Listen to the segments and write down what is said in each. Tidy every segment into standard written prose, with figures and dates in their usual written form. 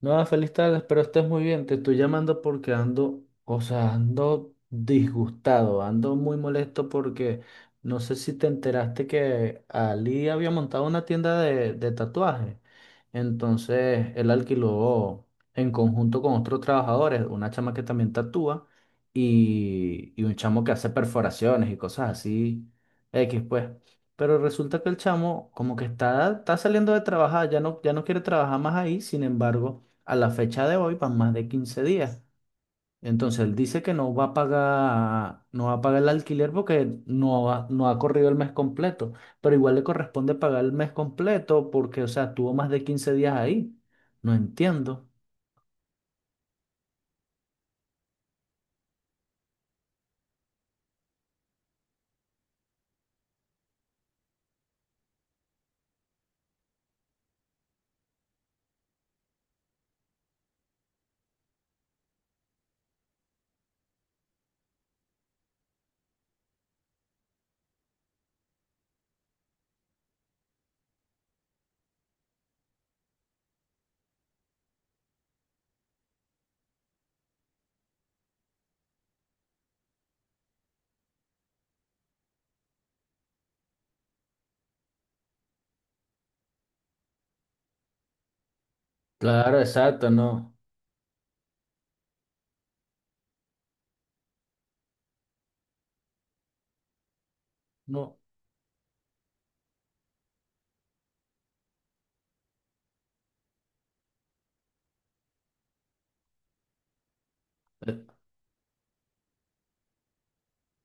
No, feliz tarde, espero estés muy bien. Te estoy llamando porque ando, o sea, ando disgustado, ando muy molesto porque no sé si te enteraste que Ali había montado una tienda de tatuajes. Entonces, él alquiló en conjunto con otros trabajadores, una chama que también tatúa y un chamo que hace perforaciones y cosas así, X pues. Pero resulta que el chamo como que está saliendo de trabajar, ya no quiere trabajar más ahí, sin embargo a la fecha de hoy van más de 15 días. Entonces él dice que no va a pagar, no va a pagar el alquiler porque no ha corrido el mes completo, pero igual le corresponde pagar el mes completo porque, o sea, tuvo más de 15 días ahí. No entiendo. Claro, exacto, no, no.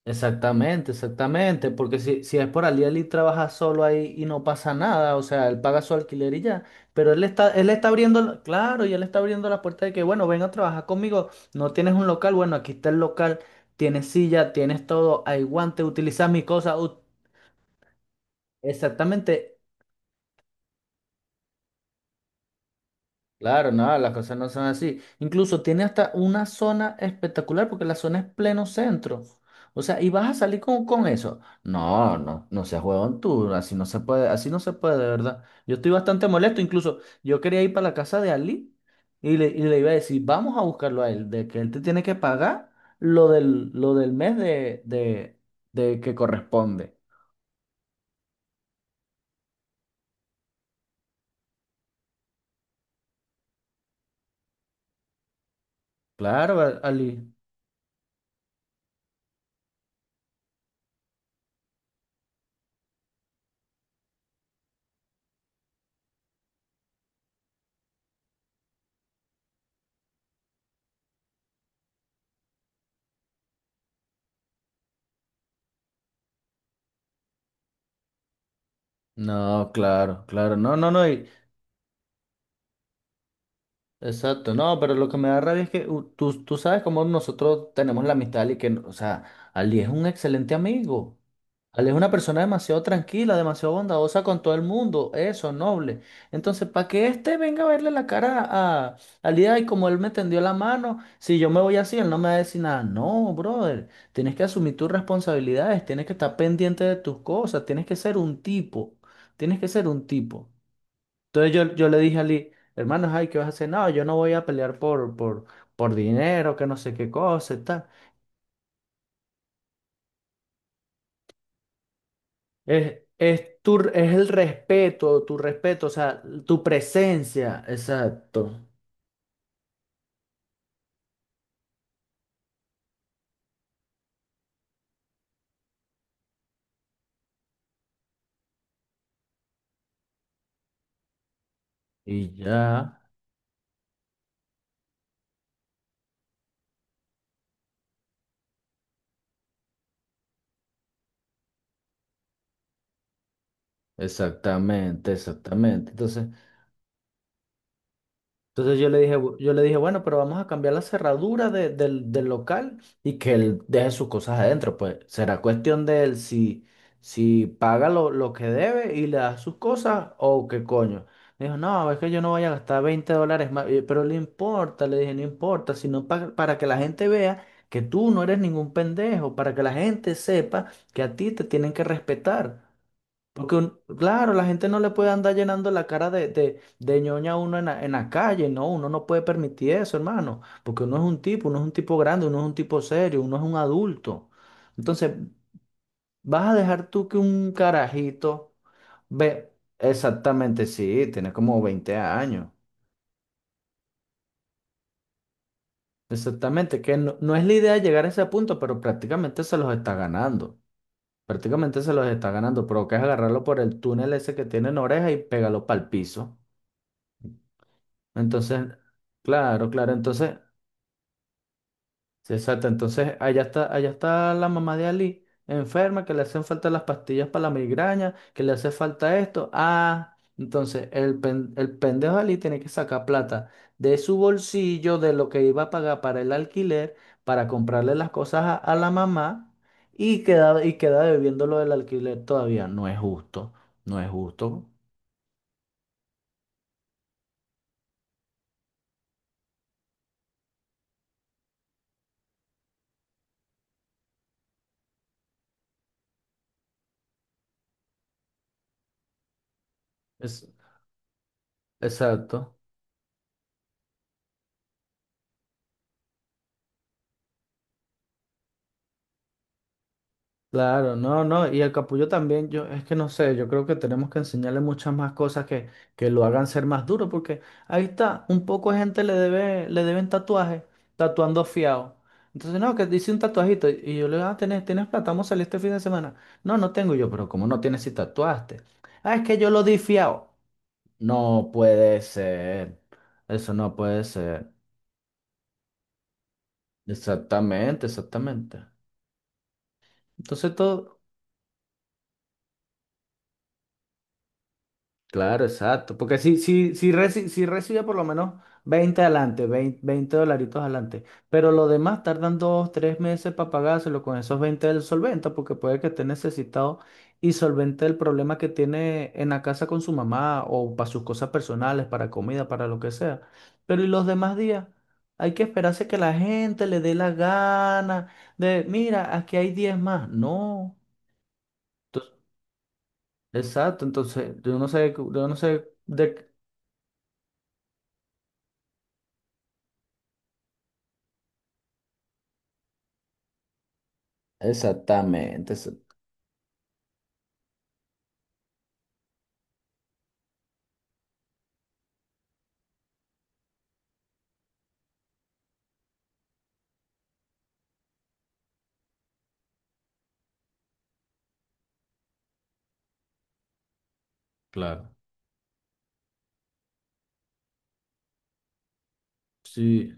Exactamente, exactamente, porque si es por Aliel y trabaja solo ahí y no pasa nada, o sea, él paga su alquiler y ya, pero él está abriendo, claro, y él está abriendo la puerta de que, bueno, ven a trabajar conmigo, no tienes un local, bueno, aquí está el local, tienes silla, tienes todo, hay guantes, utilizas mi cosa, exactamente. Claro, no, las cosas no son así. Incluso tiene hasta una zona espectacular porque la zona es pleno centro. O sea, y vas a salir con eso. No, no, no seas huevón tú, así no se puede, así no se puede, de verdad. Yo estoy bastante molesto, incluso yo quería ir para la casa de Ali y le iba a decir, vamos a buscarlo a él, de que él te tiene que pagar lo lo del mes de que corresponde. Claro, Ali. No, claro, claro, no, no, no. Exacto, no, pero lo que me da rabia es que tú, tú sabes cómo nosotros tenemos la amistad y que, o sea, Ali es un excelente amigo. Ali es una persona demasiado tranquila, demasiado bondadosa con todo el mundo, eso, noble. Entonces, para que este venga a verle la cara a Ali, y como él me tendió la mano, si yo me voy así, él no me va a decir nada. No, brother, tienes que asumir tus responsabilidades, tienes que estar pendiente de tus cosas, tienes que ser un tipo, tienes que ser un tipo. Entonces yo le dije a Lee, hermanos, ay, ¿qué vas a hacer? No, yo no voy a pelear por dinero, que no sé qué cosa y tal. Es el respeto, tu respeto, o sea, tu presencia, exacto. Y ya, exactamente, exactamente. Entonces, entonces yo le dije, "Bu-" yo le dije, bueno, pero vamos a cambiar la cerradura del, del local y que él deje sus cosas adentro. Pues será cuestión de él si, si paga lo que debe y le da sus cosas o qué coño. Me dijo, no, es que yo no voy a gastar 20 dólares más. Y yo, pero le importa, le dije, no importa, sino para que la gente vea que tú no eres ningún pendejo, para que la gente sepa que a ti te tienen que respetar. Porque, claro, la gente no le puede andar llenando la cara de ñoña a uno en la calle, no, uno no puede permitir eso, hermano, porque uno es un tipo, uno es un tipo grande, uno es un tipo serio, uno es un adulto. Entonces, ¿vas a dejar tú que un carajito ve? Exactamente, sí, tiene como 20 años. Exactamente, que no, no es la idea llegar a ese punto, pero prácticamente se los está ganando. Prácticamente se los está ganando, pero que es agarrarlo por el túnel ese que tiene en oreja y pégalo para el piso. Entonces, claro, claro, entonces, sí, exacto, entonces allá está la mamá de Ali, enferma, que le hacen falta las pastillas para la migraña, que le hace falta esto. Ah, entonces el, el pendejo de Ali tiene que sacar plata de su bolsillo, de lo que iba a pagar para el alquiler, para comprarle las cosas a la mamá y queda debiendo lo del alquiler todavía. No es justo, no es justo. Es, exacto. Claro, no, no, y el capullo también, yo es que no sé, yo creo que tenemos que enseñarle muchas más cosas que lo hagan ser más duro, porque ahí está, un poco de gente le debe, le deben tatuajes, tatuando fiado. Entonces, no, que dice un tatuajito, y yo le digo, ah, ¿tienes, tienes plata? Vamos a salir este fin de semana. No, no tengo. Y yo, pero ¿cómo no tienes si tatuaste? Ah, es que yo lo di fiado. No puede ser, eso no puede ser. Exactamente, exactamente. Entonces todo, claro, exacto. Porque si recibe por lo menos 20 adelante, 20 dolaritos adelante, pero lo demás tardan dos, tres meses para pagárselo con esos 20 del solvente, porque puede que esté necesitado y solvente el problema que tiene en la casa con su mamá o para sus cosas personales, para comida, para lo que sea. Pero ¿y los demás días? Hay que esperarse que la gente le dé la gana de, mira, aquí hay 10 más. No. Entonces, exacto, entonces yo no sé de, exactamente. Eso- claro. Sí,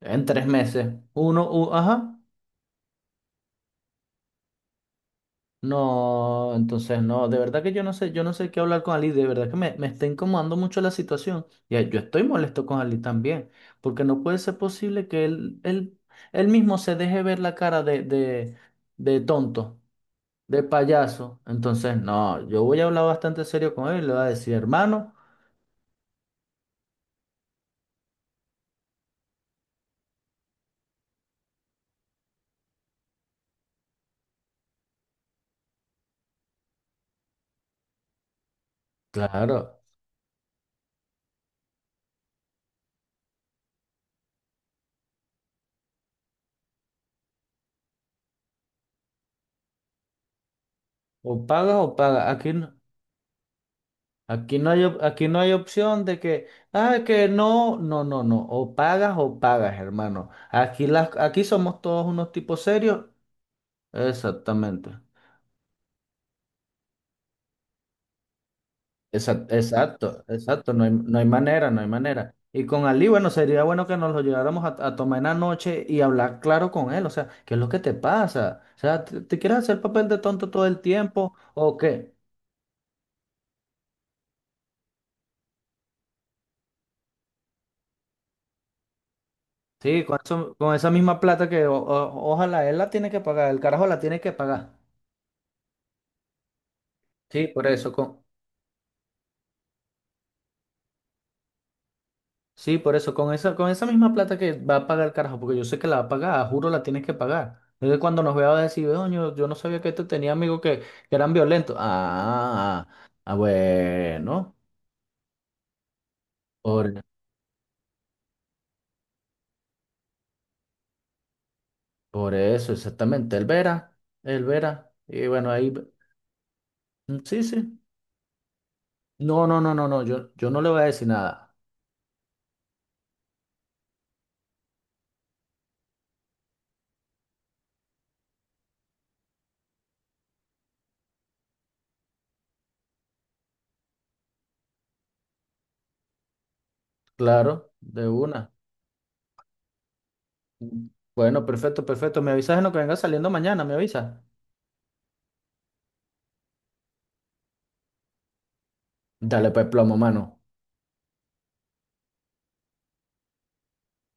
en tres meses. Uno, ajá. No, entonces no, de verdad que yo no sé qué hablar con Ali, de verdad que me está incomodando mucho la situación. Y yo estoy molesto con Ali también, porque no puede ser posible que él, él mismo se deje ver la cara de tonto, de payaso. Entonces, no, yo voy a hablar bastante serio con él, le voy a decir, hermano, claro, o pagas o pagas. Aquí no. Aquí no hay, aquí no hay opción de que, ah, que no, o pagas, hermano. Aquí, las, aquí somos todos unos tipos serios. Exactamente. Exacto, exacto, no hay, no hay manera, no hay manera. Y con Ali, bueno, sería bueno que nos lo lleváramos a tomar en la noche y hablar claro con él, o sea, ¿qué es lo que te pasa? O sea, ¿te, te quieres hacer papel de tonto todo el tiempo o qué? Sí, con con esa misma plata que ojalá él la tiene que pagar, el carajo la tiene que pagar. Sí, por eso, con, sí, por eso, con esa misma plata que va a pagar el carajo, porque yo sé que la va a pagar, juro la tienes que pagar. Entonces cuando nos vea va a decir, "Oño, yo no sabía que este tenía amigos que eran violentos. Ah, ah, ah, bueno, por, por eso, exactamente. Él verá, él verá. Y bueno, ahí, ve- mm, sí, sí. No, no, no, no, no, yo no le voy a decir nada. Claro, de una. Bueno, perfecto, perfecto. Me avisas en lo que venga saliendo mañana, me avisas. Dale pues plomo, mano.